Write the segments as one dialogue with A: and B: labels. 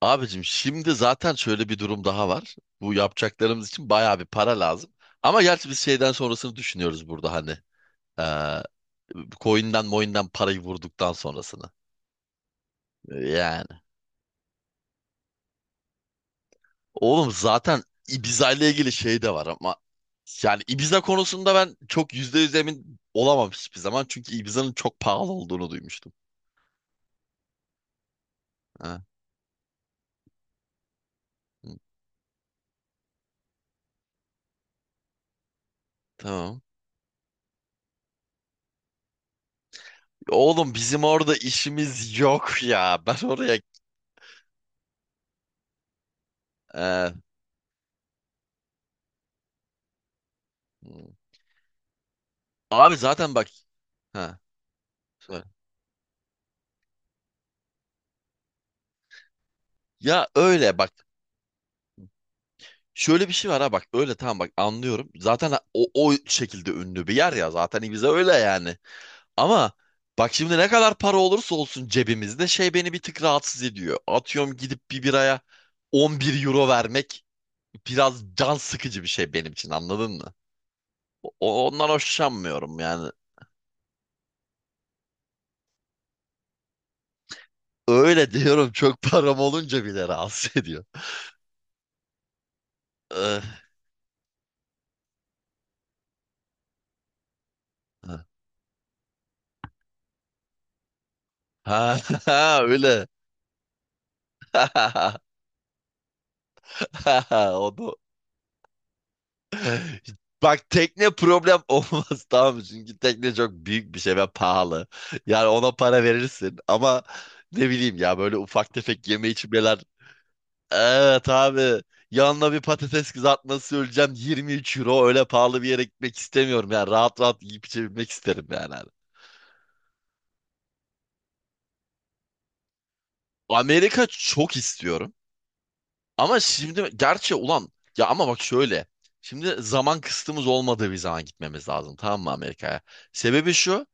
A: Abicim şimdi zaten şöyle bir durum daha var. Bu yapacaklarımız için bayağı bir para lazım. Ama gerçi biz şeyden sonrasını düşünüyoruz burada hani. Ee, coin'den moin'den parayı vurduktan sonrasını. Yani. Oğlum zaten Ibiza ile ilgili şey de var ama yani Ibiza konusunda ben çok yüzde yüz emin olamam hiçbir zaman. Çünkü Ibiza'nın çok pahalı olduğunu duymuştum. Ha, hı, tamam. Oğlum bizim orada işimiz yok ya. Ben oraya... Ee, hı. Abi zaten bak... Ha, söyle. Ya öyle bak. Şöyle bir şey var ha bak öyle tamam bak anlıyorum. Zaten o şekilde ünlü bir yer ya zaten Ibiza öyle yani. Ama bak şimdi ne kadar para olursa olsun cebimizde şey beni bir tık rahatsız ediyor. Atıyorum gidip bir biraya 11 euro vermek biraz can sıkıcı bir şey benim için anladın mı? Ondan hoşlanmıyorum yani. Öyle diyorum çok param olunca bile rahatsız ediyor. Eh, eh. Ha, ha öyle. O da. Bak tekne problem olmaz tamam mı? Çünkü tekne çok büyük bir şey ve pahalı. Yani ona para verirsin ama ne bileyim ya böyle ufak tefek yeme içmeler. Evet abi yanına bir patates kızartması öleceğim 23 euro öyle pahalı bir yere gitmek istemiyorum. Yani rahat rahat yiyip içebilmek isterim yani. Abi. Amerika çok istiyorum ama şimdi gerçi ulan ya ama bak şöyle. Şimdi zaman kısıtımız olmadığı bir zaman gitmemiz lazım tamam mı Amerika'ya? Sebebi şu.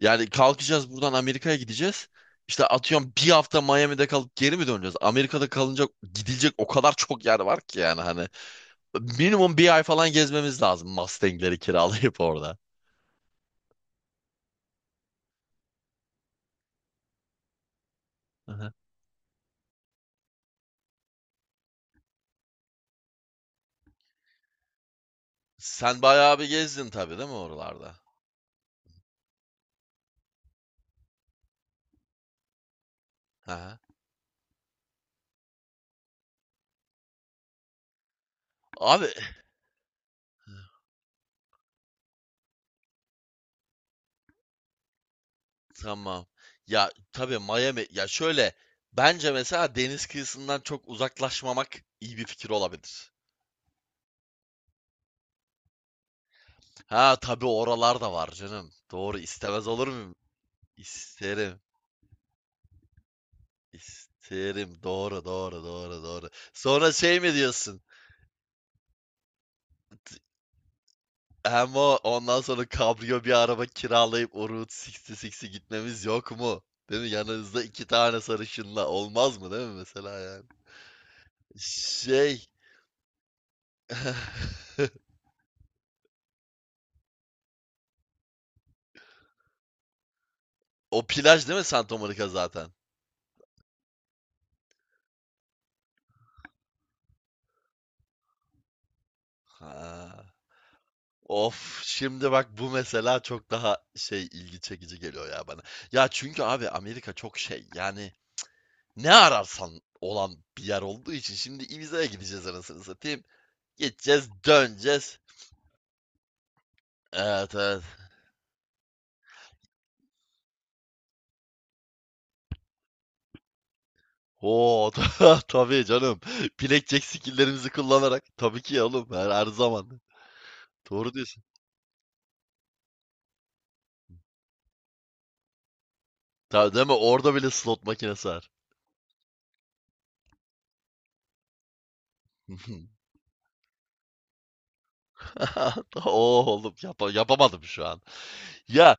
A: Yani kalkacağız buradan Amerika'ya gideceğiz. İşte atıyorum bir hafta Miami'de kalıp geri mi döneceğiz? Amerika'da kalınacak gidilecek o kadar çok yer var ki yani hani. Minimum bir ay falan gezmemiz lazım Mustang'leri kiralayıp orada. Hı hı. Sen bayağı bir gezdin tabii değil mi oralarda? Hı hı. Abi tamam. Ya tabii Miami ya şöyle bence mesela deniz kıyısından çok uzaklaşmamak iyi bir fikir olabilir. Ha tabii oralar da var canım. Doğru istemez olur muyum? İsterim. İsterim. Doğru, doğru, doğru, doğru. Sonra şey mi diyorsun? Hem o ondan sonra kabrio bir araba kiralayıp o Route 66'i gitmemiz yok mu? Değil mi? Yanınızda iki tane sarışınla olmaz mı değil mi mesela yani? Şey. O plaj değil mi Santa Monica zaten? Ha. Of şimdi bak bu mesela çok daha şey ilgi çekici geliyor ya bana. Ya çünkü abi Amerika çok şey yani ne ararsan olan bir yer olduğu için şimdi Ibiza'ya gideceğiz anasını satayım. Gideceğiz, döneceğiz. Evet evet. Oo tabii canım. Blackjack skill'lerimizi kullanarak. Tabii ki ya oğlum her zaman. Doğru diyorsun. Tabii değil mi? Orada bile slot makinesi var. Oo oğlum yapamadım şu an. Ya,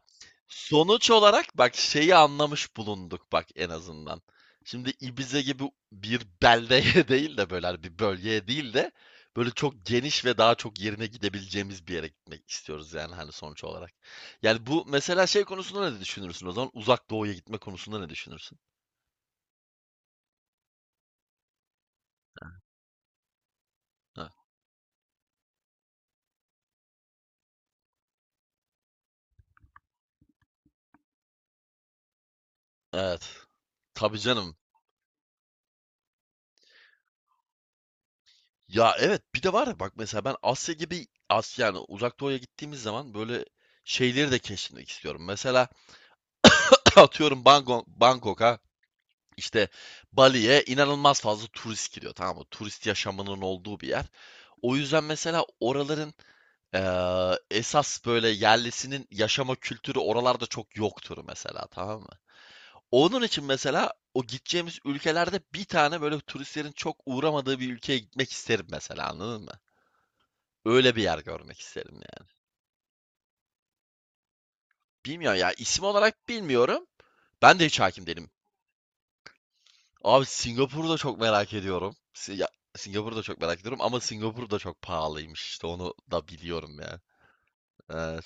A: sonuç olarak bak şeyi anlamış bulunduk bak en azından. Şimdi Ibiza gibi bir beldeye değil de böyle hani bir bölgeye değil de böyle çok geniş ve daha çok yerine gidebileceğimiz bir yere gitmek istiyoruz yani hani sonuç olarak. Yani bu mesela şey konusunda ne düşünürsün o zaman? Uzak Doğu'ya gitme konusunda ne düşünürsün? Ha, evet. Tabii canım. Ya evet bir de var ya bak mesela ben Asya gibi Asya yani Uzak Doğu'ya gittiğimiz zaman böyle şeyleri de keşfetmek istiyorum. Mesela atıyorum Bangkok, Bangkok'a işte Bali'ye inanılmaz fazla turist gidiyor tamam mı? Turist yaşamının olduğu bir yer. O yüzden mesela oraların esas böyle yerlisinin yaşama kültürü oralarda çok yoktur mesela tamam mı? Onun için mesela o gideceğimiz ülkelerde bir tane böyle turistlerin çok uğramadığı bir ülkeye gitmek isterim mesela anladın mı? Öyle bir yer görmek isterim yani. Bilmiyorum ya isim olarak bilmiyorum. Ben de hiç hakim değilim. Abi Singapur'u da çok merak ediyorum. Ya, Singapur'u da çok merak ediyorum ama Singapur da çok pahalıymış işte onu da biliyorum ya. Evet.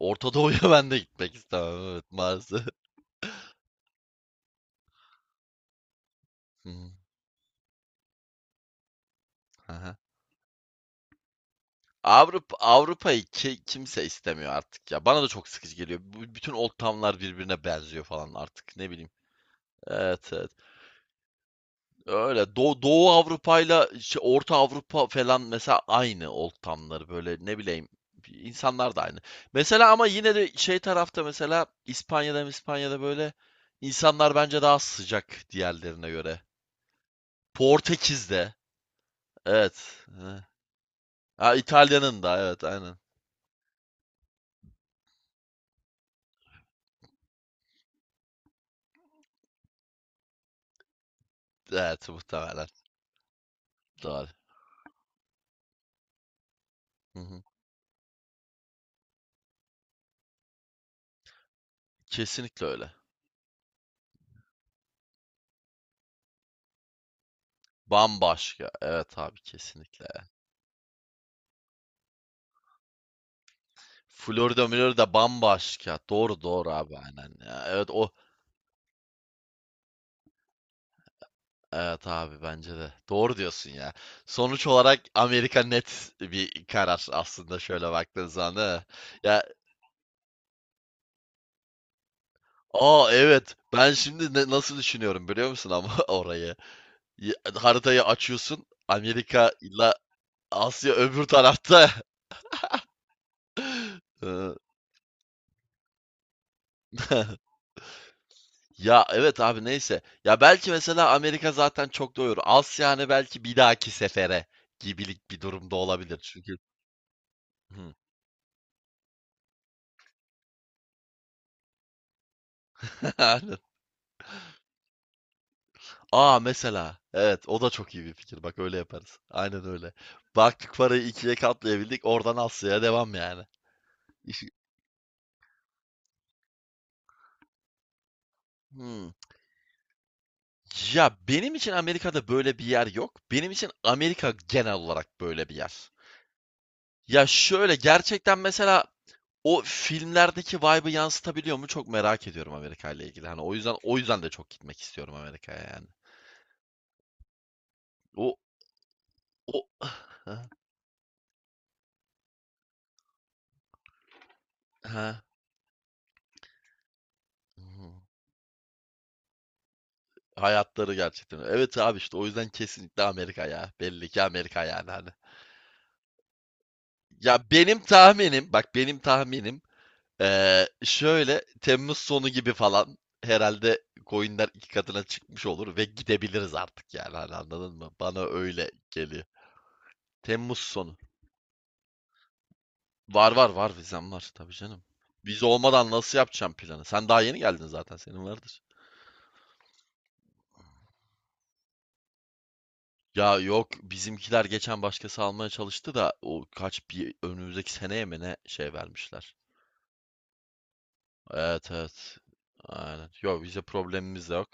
A: Orta Doğu'ya ben de gitmek istemem evet maalesef. Hı, hı, aha. Avrupa Avrupa'yı kimse istemiyor artık ya. Bana da çok sıkıcı geliyor. Bütün old town'lar birbirine benziyor falan artık ne bileyim. Evet, evet. Öyle Doğu, Doğu Avrupa'yla işte Orta Avrupa falan mesela aynı ortamları böyle ne bileyim insanlar da aynı. Mesela ama yine de şey tarafta mesela İspanya'da İspanya'da böyle insanlar bence daha sıcak diğerlerine göre. Portekiz'de evet. Hı. Ha, İtalya'nın da evet aynen. Evet muhtemelen doğru. Hı hı. Kesinlikle öyle. Bambaşka. Evet abi kesinlikle. Florida Milorida bambaşka. Doğru doğru abi aynen ya. Evet o. Evet abi bence de. Doğru diyorsun ya. Sonuç olarak Amerika net bir karar aslında şöyle baktığın zaman değil mi? Ya aa evet ben şimdi nasıl düşünüyorum biliyor musun ama orayı. Ya- Haritayı açıyorsun Amerika ile Asya öbür tarafta. Ee, ya evet abi neyse. Ya belki mesela Amerika zaten çok doyurur. Asya hani belki bir dahaki sefere gibilik bir durumda olabilir. Çünkü hı. Aa mesela. Evet o da çok iyi bir fikir. Bak öyle yaparız. Aynen öyle. Baktık parayı ikiye katlayabildik. Oradan Asya'ya devam yani. İşi... Hmm. Ya benim için Amerika'da böyle bir yer yok. Benim için Amerika genel olarak böyle bir yer. Ya şöyle gerçekten mesela o filmlerdeki vibe'ı yansıtabiliyor mu çok merak ediyorum Amerika ile ilgili. Hani o yüzden de çok gitmek istiyorum Amerika'ya yani. O o ha ha. Hmm. Hayatları gerçekten. Evet abi işte o yüzden kesinlikle Amerika ya. Belli ki Amerika yani hani. Ya benim tahminim bak benim tahminim şöyle Temmuz sonu gibi falan herhalde coinler iki katına çıkmış olur ve gidebiliriz artık yani hani anladın mı? Bana öyle geliyor. Temmuz sonu. Var var var vizem var tabii canım. Vize olmadan nasıl yapacağım planı? Sen daha yeni geldin zaten senin vardır. Ya yok bizimkiler geçen başkası almaya çalıştı da o kaç bir önümüzdeki seneye mi ne şey vermişler. Evet evet. Aynen. Yok bize problemimiz de yok.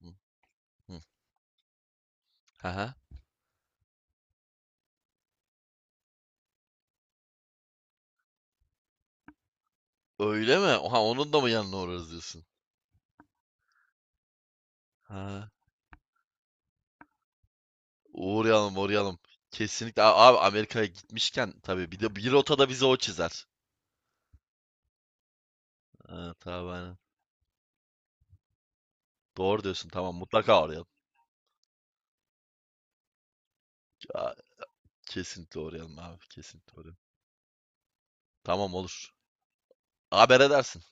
A: Hı, hı. Aha. Öyle mi? Oha onun da mı yanına uğrarız diyorsun? Ha. Uğrayalım uğrayalım. Kesinlikle. Abi Amerika'ya gitmişken tabii bir de bir rotada bize o çizer. Ha, tamam aynen. Doğru diyorsun tamam mutlaka uğrayalım. Ya, kesinlikle uğrayalım abi kesinlikle uğrayalım. Tamam olur. Haber edersin.